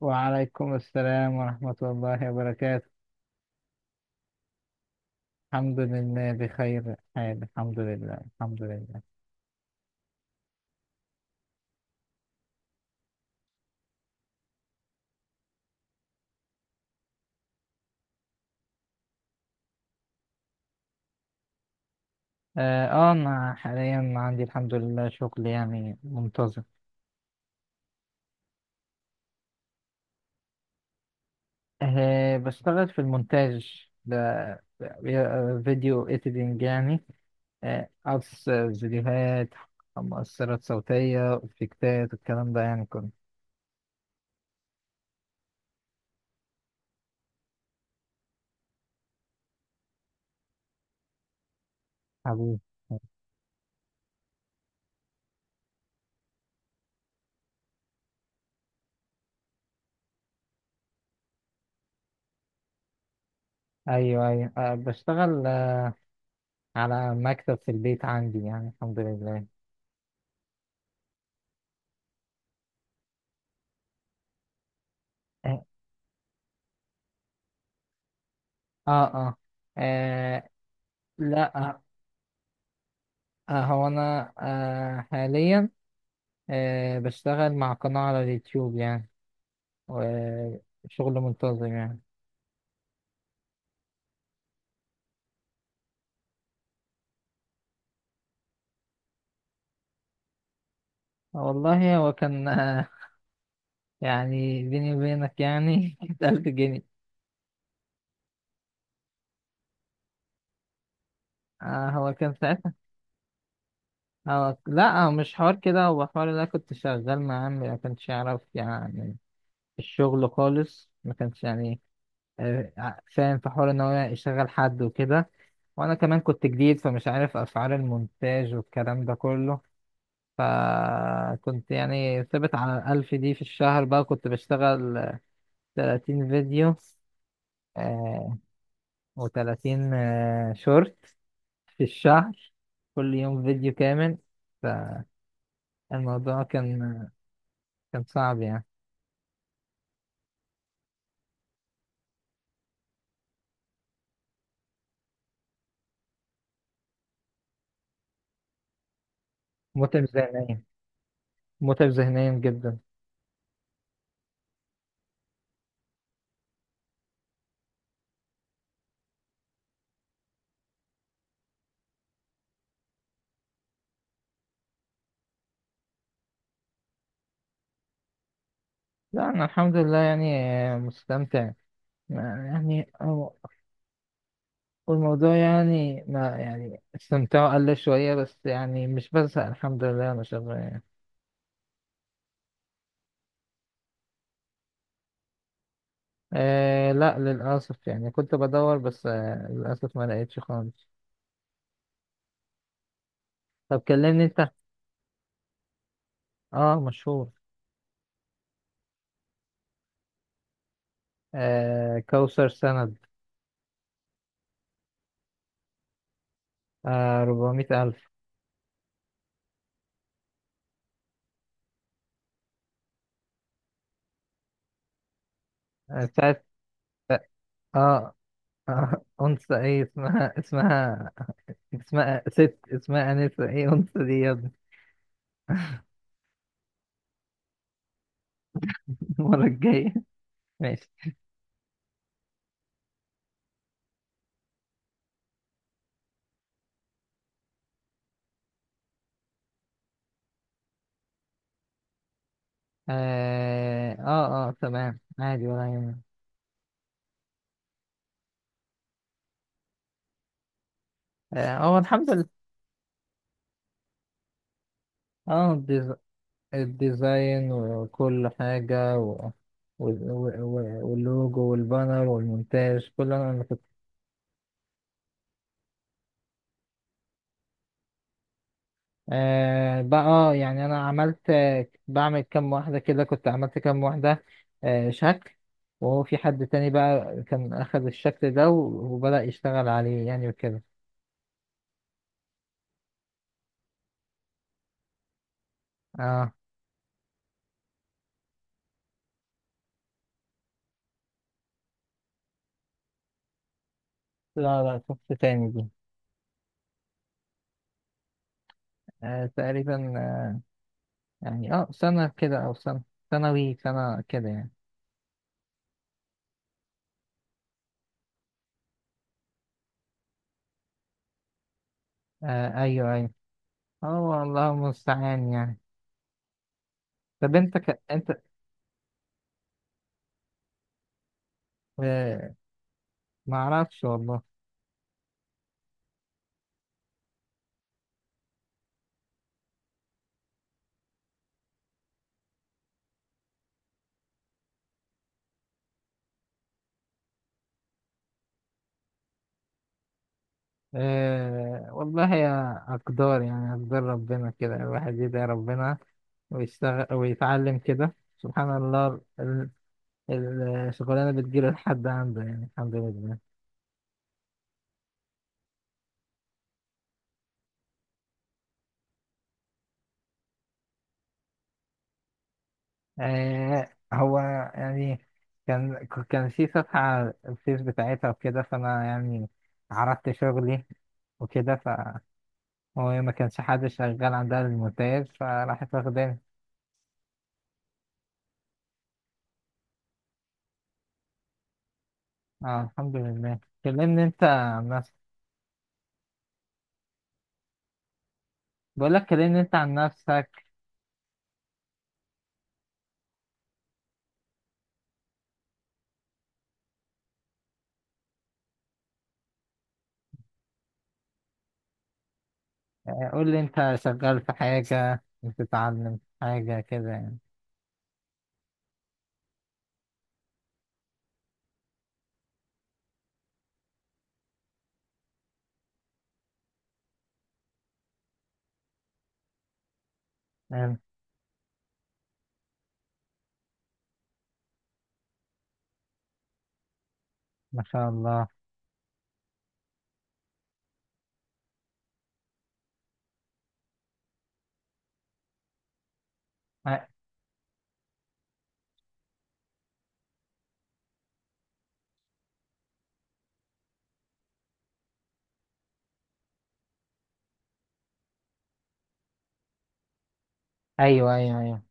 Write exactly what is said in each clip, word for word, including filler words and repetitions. وعليكم السلام ورحمة الله وبركاته. الحمد لله بخير حال، الحمد لله الحمد لله اه آه، انا حاليا عندي الحمد لله شغل يعني منتظم. أه بشتغل في المونتاج ده، آه، فيديو اديتنج يعني، آه، قص فيديوهات، مؤثرات صوتية، افكتات، الكلام ده يعني كله. حبيبي، ايوه ايوه أه بشتغل آه، على مكتب في البيت عندي يعني الحمد لله. آه، اه اه آه، لا. آه آه، هو انا آه حاليا آه بشتغل مع قناة على اليوتيوب يعني، وشغل منتظم يعني. والله هو كان آه يعني بيني وبينك يعني كانت ألف جنيه. آه هو كان ساعتها. هو لا هو مش حوار كده، هو حوار اللي أنا كنت شغال مع عمي، ما كانش يعرف يعني الشغل خالص، ما كانش يعني آه، ع- فاهم في حوار ان هو يشغل حد وكده، وانا كمان كنت جديد فمش عارف اسعار المونتاج والكلام ده كله، فكنت يعني ثابت على الألف دي في الشهر. بقى كنت بشتغل تلاتين فيديو آه و30 آه شورت في الشهر، كل يوم فيديو كامل. فالموضوع كان كان صعب يعني. متعب ذهنيا، متعب ذهنيا جدا. لا أنا الحمد لله يعني آه، مستمتع يعني. والموضوع يعني ما يعني استمتاعه قل شوية، بس يعني مش بزهق الحمد لله، أنا شغال يعني. آه لا للأسف يعني، كنت بدور بس آه للأسف ما لقيتش خالص. طب كلمني أنت. آه مشهور. آه كوثر سند. آه 400000 ألف. آه بتاعت. آه, آه أنثى إيه اسمها، اسمها اسمها ست، اسمها أنسة إيه، أنثى دي يا ابني. المرة الجاية، ماشي. آه آه آه تمام عادي ولا يهمك. آه، هو الحمد لله. اه الديز- الديزاين وكل حاجة و... و... و... واللوجو والبانر والمونتاج كله انا اللي كنت. آه بقى آه، يعني انا عملت، آه، بعمل كام واحدة كده، كنت عملت كام واحدة آه شكل، وهو في حد تاني بقى كان اخذ الشكل ده و- وبدأ يشتغل عليه يعني وكده. اه لا لا شفت تاني دي. آه تقريبا آه يعني، اه سنة كده او سنة ثانوي، سنة كده يعني. آه ايوه ايوه. اه والله المستعان يعني. طب انت ك... انت. اه... ما اعرفش والله. اه... والله يا اقدار يعني، اقدار ربنا كده، الواحد يدعي ربنا ويشتغل ويتعلم كده سبحان الله. ال... ال- الشغلانه بتجيله لحد عنده يعني الحمد لله. آه هو يعني كان كان في صفحه على الفيس بتاعتها وكده، فانا يعني عرضت شغلي وكده، ف هو ما كانش حد شغال عندها المونتاج، فراحت واخداني. اه الحمد لله، كلمني انت عن نفسك. بقول لك كلمني انت عن نفسك. آه، قول لي انت شغال في حاجة، بتتعلم حاجة كده يعني. آه، ما شاء الله. آه، ايوه ايوه ايوه.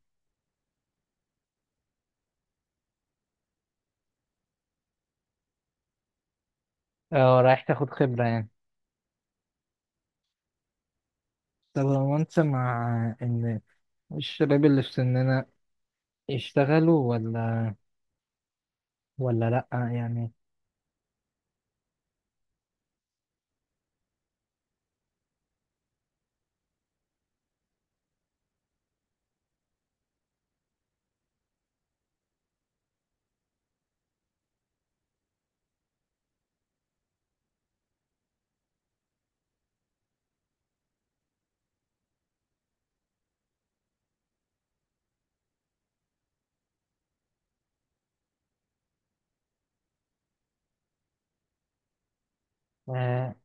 اه رايح تاخد خبرة يعني. طب هو انت مع ان الشباب اللي في سننا يشتغلوا ولا، ولا لأ يعني. آه،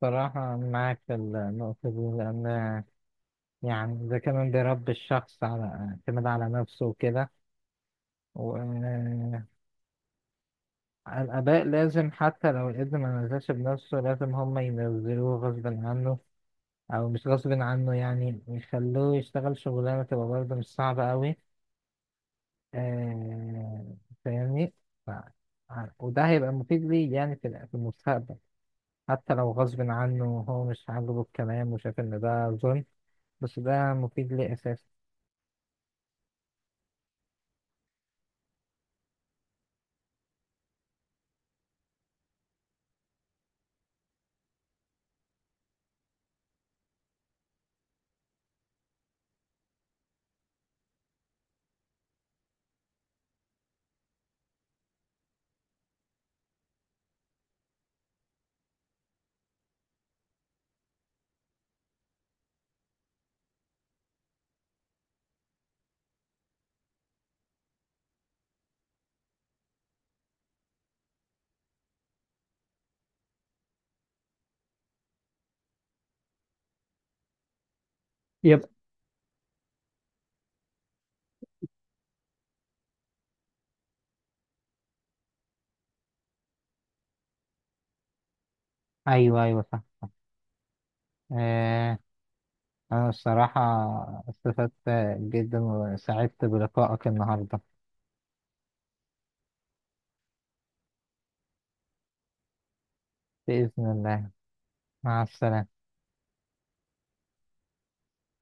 صراحة معاك في النقطة دي، لأن يعني ده كمان بيربي الشخص على اعتماد على نفسه وكده. الآباء لازم حتى لو الابن ما نزلش بنفسه لازم هم ينزلوه غصب عنه، أو مش غصب عنه يعني يخلوه يشتغل شغلانة تبقى برضه مش صعبة أوي. آه فاهمني. ف- وده هيبقى مفيد ليه يعني في ال- في المستقبل، حتى لو غصب عنه وهو مش عاجبه الكلام وشايف إن ده ظلم، بس ده مفيد ليه أساسا. يبقى، أيوه أيوه صح. آه أنا الصراحة استفدت جدا وسعدت بلقائك النهاردة. بإذن الله، مع السلامة.